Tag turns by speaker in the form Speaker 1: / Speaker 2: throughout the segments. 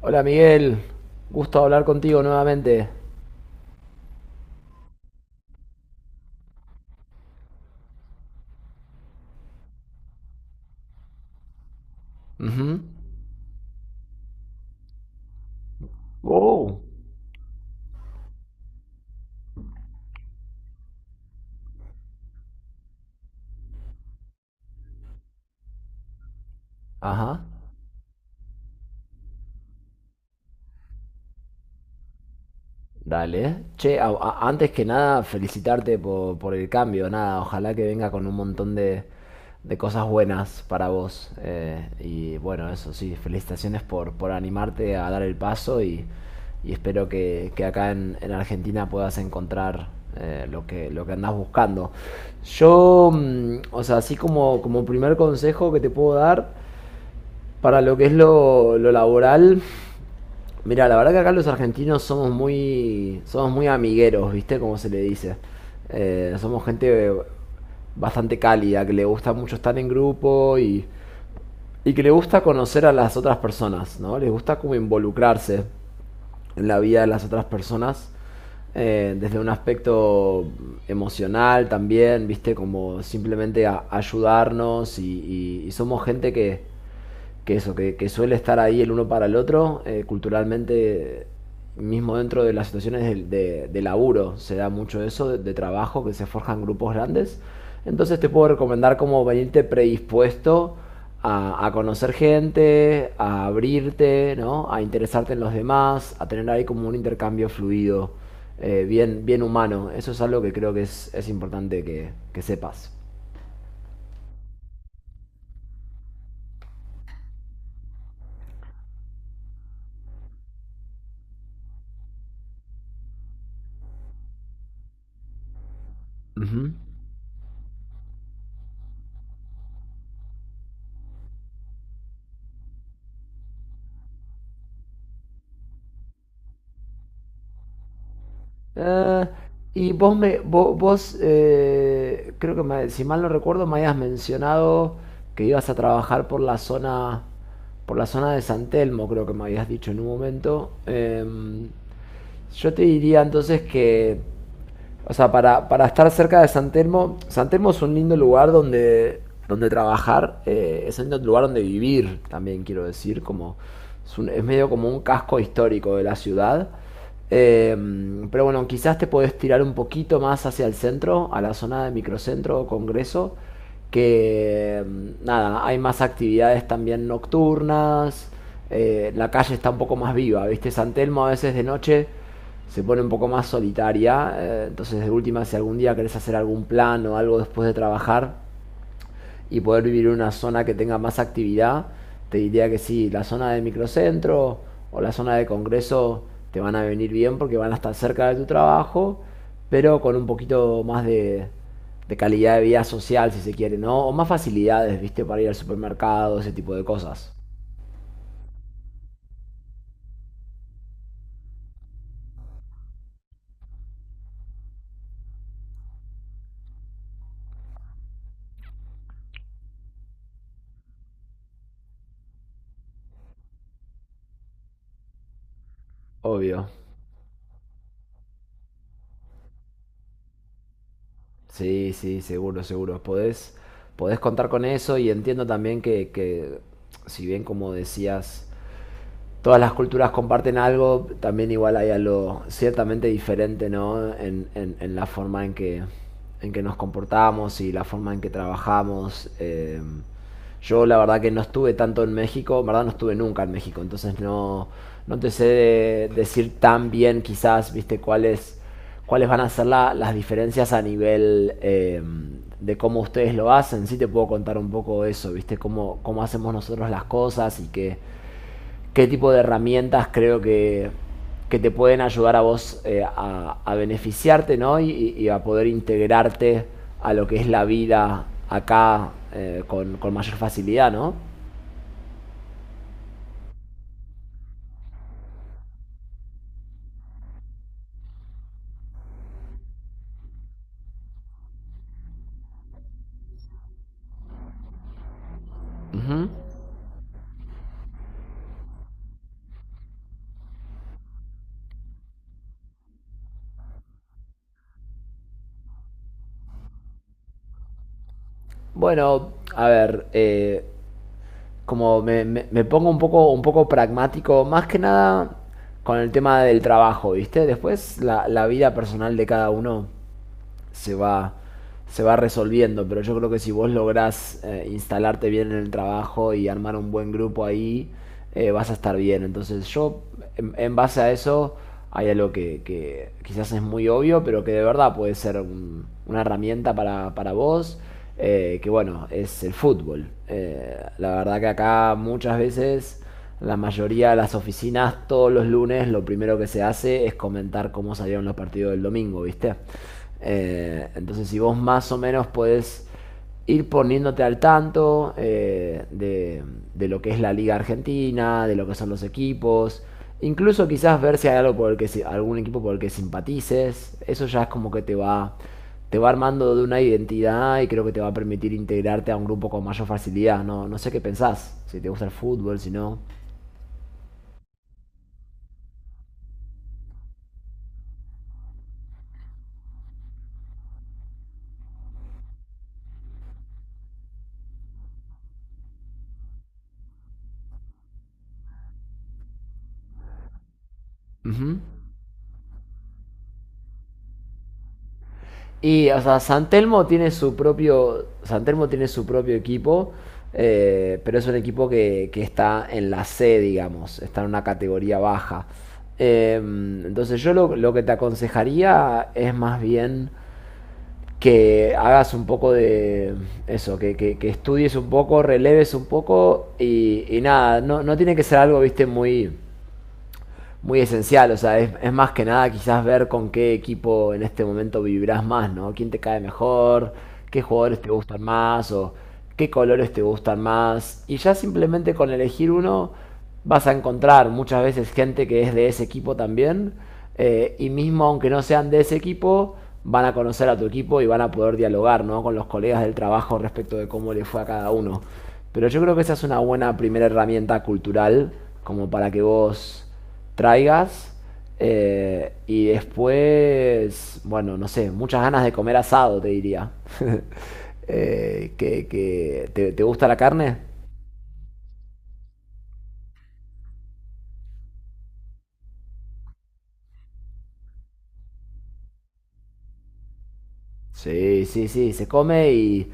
Speaker 1: Hola Miguel, gusto hablar contigo nuevamente. Ujú. Oh. Ajá. Dale. Che, antes que nada, felicitarte por el cambio. Nada, ojalá que venga con un montón de cosas buenas para vos. Y bueno, eso sí, felicitaciones por animarte a dar el paso y espero que acá en Argentina puedas encontrar lo que andás buscando. Yo, o sea, así como, como primer consejo que te puedo dar, para lo que es lo laboral, mira, la verdad que acá los argentinos somos muy amigueros, ¿viste? Como se le dice. Somos gente bastante cálida, que le gusta mucho estar en grupo y que le gusta conocer a las otras personas, ¿no? Les gusta como involucrarse en la vida de las otras personas desde un aspecto emocional también, ¿viste? Como simplemente ayudarnos y somos gente que eso, que suele estar ahí el uno para el otro, culturalmente, mismo dentro de las situaciones de, de laburo, se da mucho eso, de trabajo, que se forjan grupos grandes. Entonces te puedo recomendar como venirte predispuesto a conocer gente, a abrirte, ¿no? A interesarte en los demás, a tener ahí como un intercambio fluido, bien, bien humano. Eso es algo que creo que es importante que sepas. Ujú. Ah, y vos me, vos, creo que si mal no recuerdo, me habías mencionado que ibas a trabajar por la zona de San Telmo, creo que me habías dicho en un momento. Yo te diría entonces que, o sea, para estar cerca de San Telmo, San Telmo es un lindo lugar donde, donde trabajar, es un lindo lugar donde vivir, también quiero decir, como es, es medio como un casco histórico de la ciudad. Eh, pero bueno, quizás te podés tirar un poquito más hacia el centro, a la zona de microcentro o congreso, que nada, hay más actividades también nocturnas, la calle está un poco más viva, ¿viste? San Telmo a veces de noche se pone un poco más solitaria. Entonces, de última, si algún día querés hacer algún plan o algo después de trabajar y poder vivir en una zona que tenga más actividad, te diría que sí, la zona de microcentro o la zona de congreso te van a venir bien porque van a estar cerca de tu trabajo, pero con un poquito más de calidad de vida social, si se quiere, ¿no? O más facilidades, ¿viste? Para ir al supermercado, ese tipo de cosas. Obvio. Sí, sí, seguro, seguro. Podés, podés contar con eso y entiendo también que, si bien como decías, todas las culturas comparten algo, también igual hay algo ciertamente diferente, ¿no? En, en la forma en que nos comportamos y la forma en que trabajamos. Yo la verdad que no estuve tanto en México, en verdad no estuve nunca en México, entonces no, no te sé decir tan bien quizás, viste, cuáles, cuáles van a ser las diferencias a nivel de cómo ustedes lo hacen. Sí te puedo contar un poco eso, viste, cómo, cómo hacemos nosotros las cosas y que qué tipo de herramientas creo que te pueden ayudar a vos a beneficiarte, ¿no? Y, y a poder integrarte a lo que es la vida acá con mayor facilidad, ¿no? Uh -huh. Bueno, a ver, como me pongo un poco pragmático, más que nada con el tema del trabajo, ¿viste? Después la, la vida personal de cada uno se va, se va resolviendo. Pero yo creo que si vos lográs instalarte bien en el trabajo y armar un buen grupo ahí, vas a estar bien. Entonces yo, en base a eso, hay algo que quizás es muy obvio, pero que de verdad puede ser una herramienta para vos, que bueno, es el fútbol. La verdad que acá muchas veces la mayoría de las oficinas todos los lunes lo primero que se hace es comentar cómo salieron los partidos del domingo, ¿viste? Entonces si vos más o menos podés ir poniéndote al tanto de lo que es la liga argentina, de lo que son los equipos, incluso quizás ver si hay algo por el que algún equipo por el que simpatices, eso ya es como que te va, te va armando de una identidad y creo que te va a permitir integrarte a un grupo con mayor facilidad. No sé qué pensás, si te gusta el fútbol, si no. Ujú. Y, o sea, San Telmo tiene su propio. San Telmo tiene su propio equipo. Pero es un equipo que está en la C, digamos. Está en una categoría baja. Eh, entonces, yo lo que te aconsejaría es más bien que hagas un poco de eso, que, que estudies un poco, releves un poco y nada, no, no tiene que ser algo, viste, muy, muy esencial. O sea, es más que nada quizás ver con qué equipo en este momento vivirás más, ¿no? ¿Quién te cae mejor? ¿Qué jugadores te gustan más? ¿O qué colores te gustan más? Y ya simplemente con elegir uno vas a encontrar muchas veces gente que es de ese equipo también. Y mismo aunque no sean de ese equipo, van a conocer a tu equipo y van a poder dialogar, ¿no? Con los colegas del trabajo respecto de cómo le fue a cada uno. Pero yo creo que esa es una buena primera herramienta cultural como para que vos traigas. Y después, bueno, no sé, muchas ganas de comer asado, te diría. ¿Te, te gusta la carne? Sí, sí, sí, se come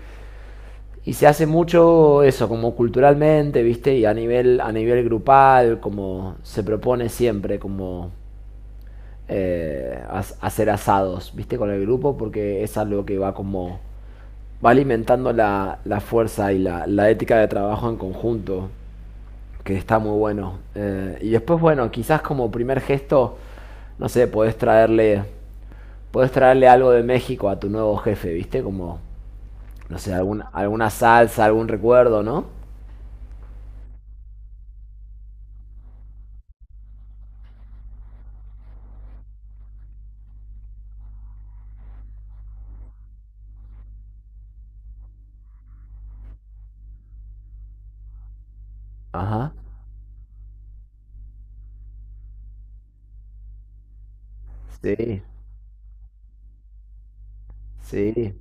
Speaker 1: y se hace mucho eso, como culturalmente, ¿viste? Y a nivel grupal, como se propone siempre, como hacer asados, ¿viste? Con el grupo, porque es algo que va como, va alimentando la, la fuerza y la ética de trabajo en conjunto. Que está muy bueno. Y después, bueno, quizás como primer gesto, no sé, podés traerle algo de México a tu nuevo jefe, ¿viste? Como, no sé, algún, alguna salsa, algún recuerdo, ¿no? Ajá, sí, sí.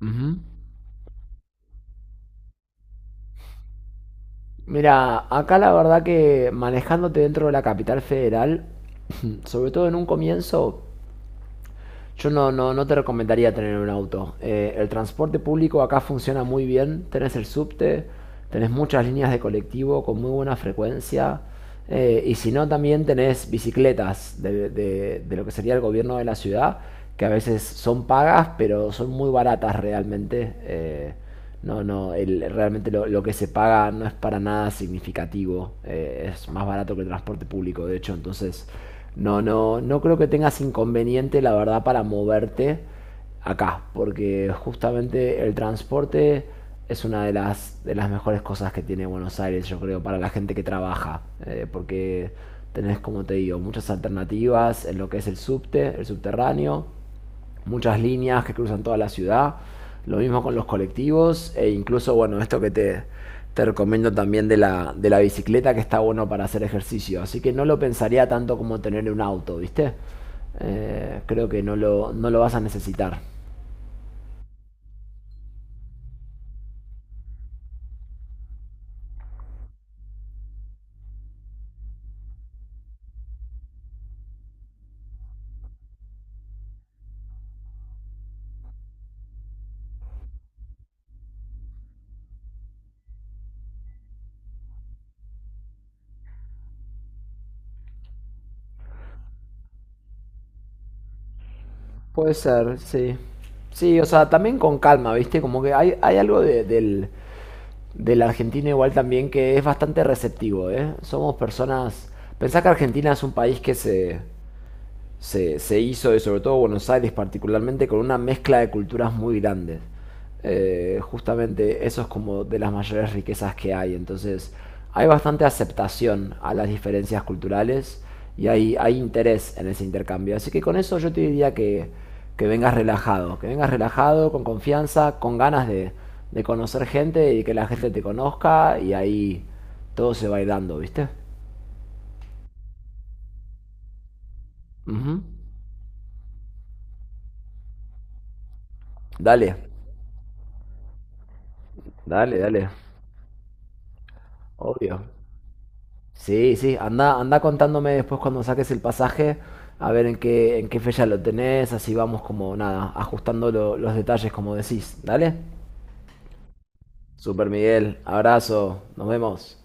Speaker 1: Ujú. Mira, acá la verdad que manejándote dentro de la capital federal, sobre todo en un comienzo, yo no, no, no te recomendaría tener un auto. El transporte público acá funciona muy bien. Tenés el subte, tenés muchas líneas de colectivo con muy buena frecuencia. Y si no, también tenés bicicletas de, de lo que sería el gobierno de la ciudad, que a veces son pagas, pero son muy baratas realmente. No, no, el, realmente lo que se paga no es para nada significativo. Es más barato que el transporte público, de hecho. Entonces, no, no, no creo que tengas inconveniente, la verdad, para moverte acá. Porque justamente el transporte es una de las mejores cosas que tiene Buenos Aires, yo creo, para la gente que trabaja. Porque tenés, como te digo, muchas alternativas en lo que es el subte, el subterráneo, muchas líneas que cruzan toda la ciudad. Lo mismo con los colectivos e incluso, bueno, esto que te recomiendo también de la bicicleta que está bueno para hacer ejercicio. Así que no lo pensaría tanto como tener un auto, ¿viste? Creo que no lo, no lo vas a necesitar. Puede ser, sí. Sí, o sea, también con calma, ¿viste? Como que hay algo del, del argentino igual también que es bastante receptivo, ¿eh? Somos personas... Pensá que Argentina es un país que se hizo, y sobre todo Buenos Aires particularmente, con una mezcla de culturas muy grandes. Justamente eso es como de las mayores riquezas que hay. Entonces hay bastante aceptación a las diferencias culturales y hay interés en ese intercambio. Así que con eso yo te diría que vengas relajado, con confianza, con ganas de conocer gente y que la gente te conozca y ahí todo se va a ir dando, ¿viste? Ujú. Dale, dale, dale, obvio. Sí, sí, anda, anda contándome después cuando saques el pasaje, a ver en qué fecha lo tenés, así vamos como nada, ajustando los detalles como decís, ¿dale? Super Miguel, abrazo, nos vemos.